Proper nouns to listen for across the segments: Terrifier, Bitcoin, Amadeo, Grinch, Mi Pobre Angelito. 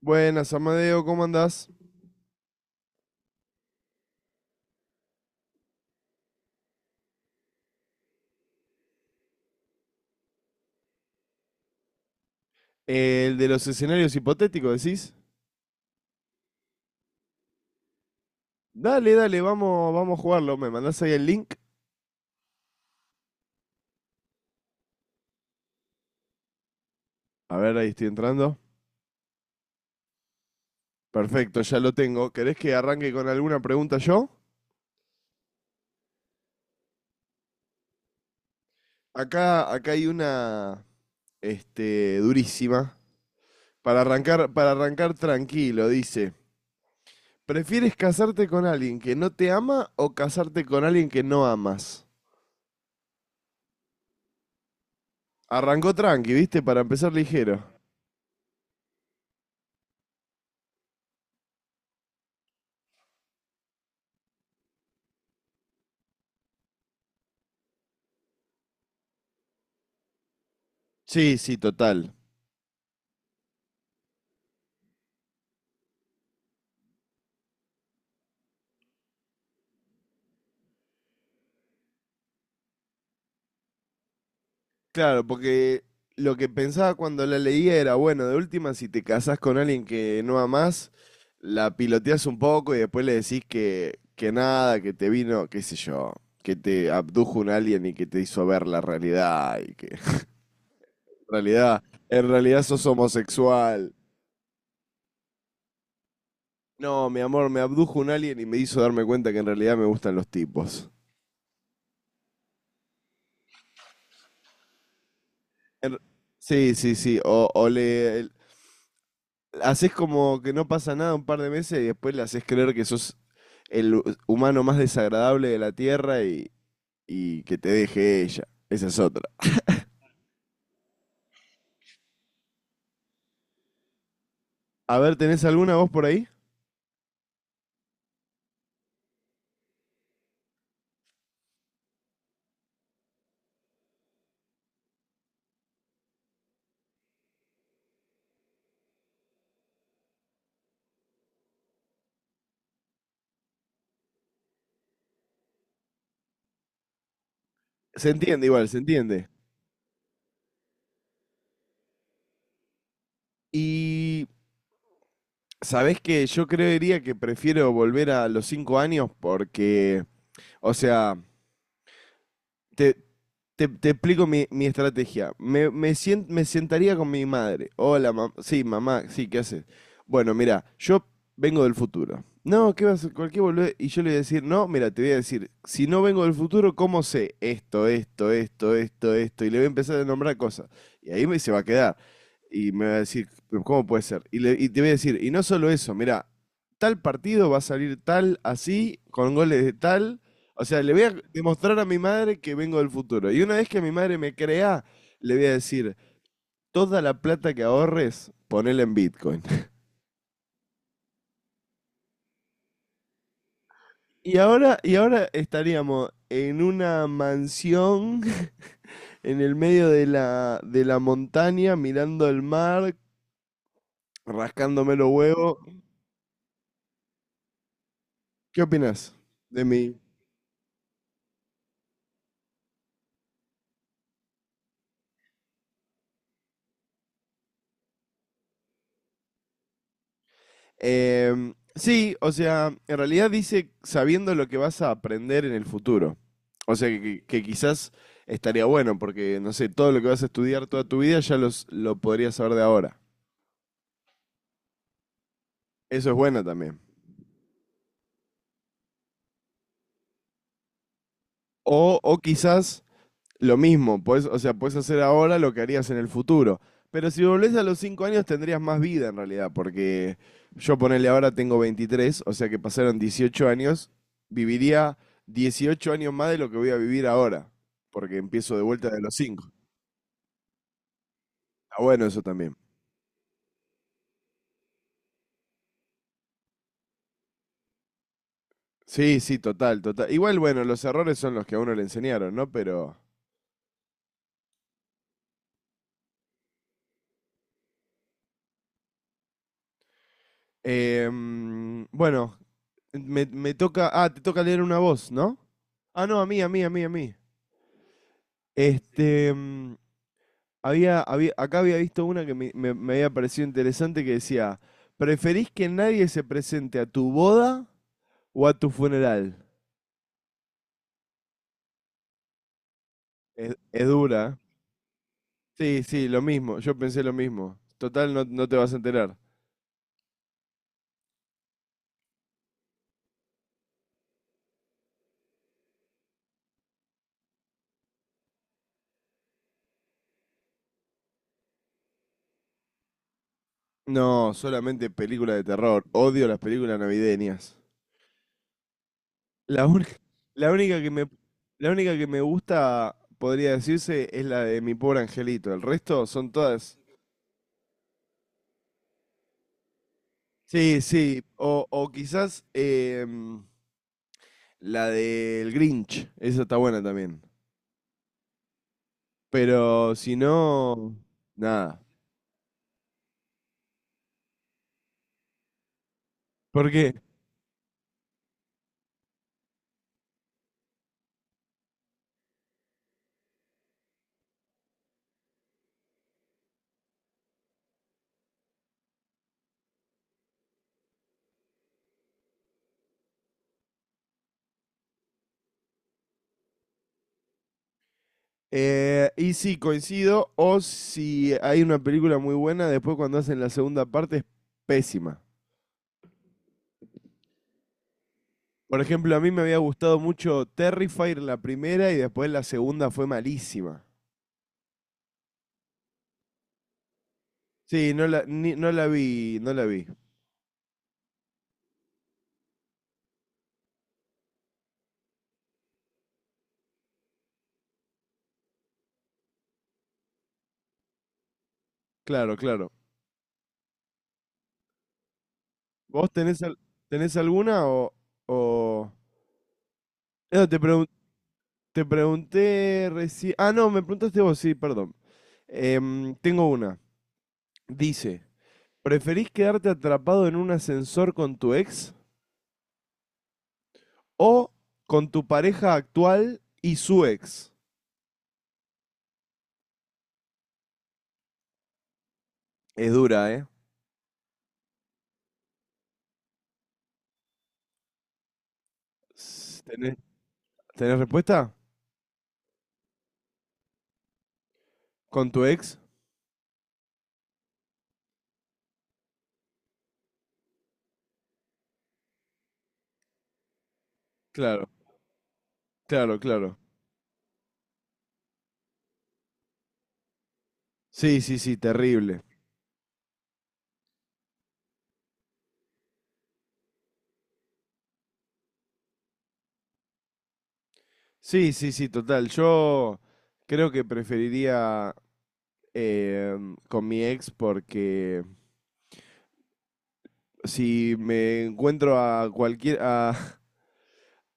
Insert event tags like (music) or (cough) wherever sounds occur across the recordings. Buenas, Amadeo, ¿cómo andás? El de los escenarios hipotéticos, decís. Dale, dale, vamos, vamos a jugarlo. ¿Me mandás ahí el link? A ver, ahí estoy entrando. Perfecto, ya lo tengo. ¿Querés que arranque con alguna pregunta yo? Acá hay una, durísima. Para arrancar tranquilo, dice. ¿Prefieres casarte con alguien que no te ama o casarte con alguien que no amas? Arrancó tranqui, ¿viste? Para empezar ligero. Sí, sí, total. Claro, porque lo que pensaba cuando la leía era, bueno, de última, si te casás con alguien que no amás, la piloteás un poco y después le decís que nada, que te vino, qué sé yo, que te abdujo un alien y que te hizo ver la realidad y que (laughs) en realidad, en realidad sos homosexual. No, mi amor, me abdujo un alien y me hizo darme cuenta que en realidad me gustan los tipos. En- sí, sí, sí, haces como que no pasa nada un par de meses y después le haces creer que sos el humano más desagradable de la Tierra y que te deje ella. Esa es otra. A ver, ¿tenés alguna voz por ahí? Se entiende igual, se entiende. Y sabés que yo creería que prefiero volver a los 5 años porque, o sea, te, te explico mi estrategia. Me sentaría con mi madre. Hola, mam Sí, mamá, sí, ¿qué haces? Bueno, mira, yo vengo del futuro. No, ¿qué vas a cualquier boludez? Y yo le voy a decir, no, mira, te voy a decir, si no vengo del futuro, ¿cómo sé esto, esto, esto, esto, esto? Y le voy a empezar a nombrar cosas. Y ahí me se va a quedar. Y me va a decir, "Pero ¿cómo puede ser?" Y te voy a decir, y no solo eso, mira, tal partido va a salir tal así, con goles de tal, o sea, le voy a demostrar a mi madre que vengo del futuro. Y una vez que mi madre me crea, le voy a decir, toda la plata que ahorres, ponela en Bitcoin. (laughs) Y ahora estaríamos en una mansión (laughs) en el medio de la montaña, mirando el mar, rascándome los huevos. ¿Qué opinas de mí? Sí, o sea, en realidad dice sabiendo lo que vas a aprender en el futuro. O sea, que quizás estaría bueno, porque, no sé, todo lo que vas a estudiar toda tu vida ya lo podrías saber de ahora. Eso es bueno también. O quizás lo mismo, o sea, puedes hacer ahora lo que harías en el futuro. Pero si volvés a los 5 años tendrías más vida en realidad, porque yo ponele ahora tengo 23, o sea que pasaron 18 años, viviría 18 años más de lo que voy a vivir ahora, porque empiezo de vuelta de los cinco. Está bueno eso también. Sí, sí, total, total. Igual, bueno, los errores son los que a uno le enseñaron, ¿no? Pero… bueno, me toca… Ah, te toca leer una voz, ¿no? Ah, no, a mí, a mí, a mí, a mí. Este, mm, había acá había visto una que me había parecido interesante que decía, ¿preferís que nadie se presente a tu boda o a tu funeral? Es dura. ¿Eh? Sí, sí, lo mismo, yo pensé lo mismo. Total, no, no te vas a enterar. No, solamente películas de terror. Odio las películas navideñas. La única, la única que me gusta, podría decirse, es la de Mi Pobre Angelito. El resto son todas… Sí, sí, o quizás, la del Grinch, esa está buena también. Pero si no, nada. ¿Por qué? Y sí, coincido, o si hay una película muy buena, después cuando hacen la segunda parte es pésima. Por ejemplo, a mí me había gustado mucho Terrifier la primera y después la segunda fue malísima. Sí, no la vi, no la vi. Claro, claro. ¿Vos tenés, tenés alguna o…? O… No, te pregunté recién… Ah, no, me preguntaste vos, sí, perdón. Tengo una. Dice, ¿preferís quedarte atrapado en un ascensor con tu ex o con tu pareja actual y su ex? Es dura, ¿eh? S- ¿Tenés, tenés respuesta? ¿Con tu ex? Claro, claro, claro. Sí, sí, sí, terrible. Sí, sí, sí, total. Yo creo que preferiría con mi ex porque si me encuentro a cualquier… (laughs)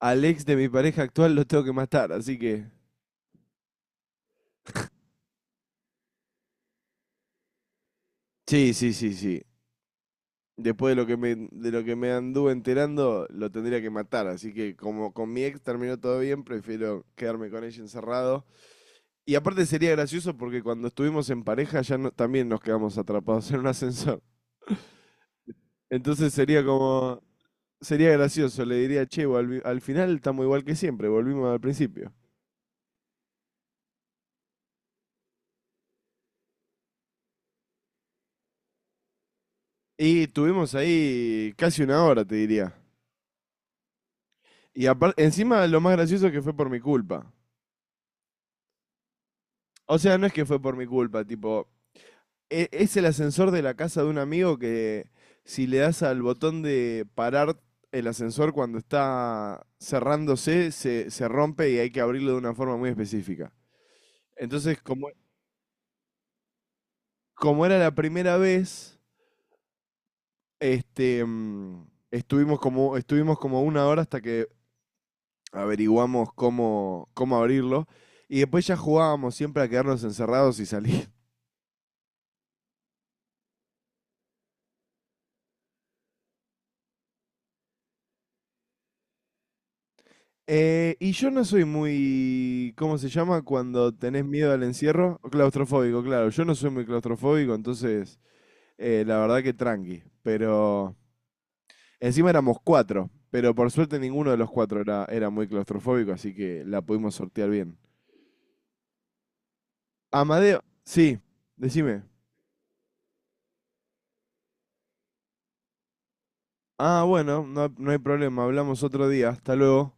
al ex de mi pareja actual lo tengo que matar, así que… Sí, sí, sí, sí. Después de de lo que me anduve enterando, lo tendría que matar. Así que como con mi ex terminó todo bien, prefiero quedarme con ella encerrado. Y aparte sería gracioso porque cuando estuvimos en pareja también nos quedamos atrapados en un ascensor. Entonces sería como, sería gracioso. Le diría, che, al final estamos igual que siempre, volvimos al principio. Y estuvimos ahí casi una hora, te diría. Y aparte, encima lo más gracioso es que fue por mi culpa. O sea, no es que fue por mi culpa, tipo, Es el ascensor de la casa de un amigo que si le das al botón de parar el ascensor cuando está cerrándose, se rompe y hay que abrirlo de una forma muy específica. Entonces, como era la primera vez, estuvimos como una hora hasta que averiguamos cómo abrirlo. Y después ya jugábamos siempre a quedarnos encerrados y salir. Y yo no soy muy, ¿cómo se llama? Cuando tenés miedo al encierro, claustrofóbico, claro. Yo no soy muy claustrofóbico, entonces la verdad que tranqui. Pero encima éramos cuatro, pero por suerte ninguno de los cuatro era muy claustrofóbico, así que la pudimos sortear bien. Amadeo, sí, decime. Ah, bueno, no, no hay problema, hablamos otro día, hasta luego.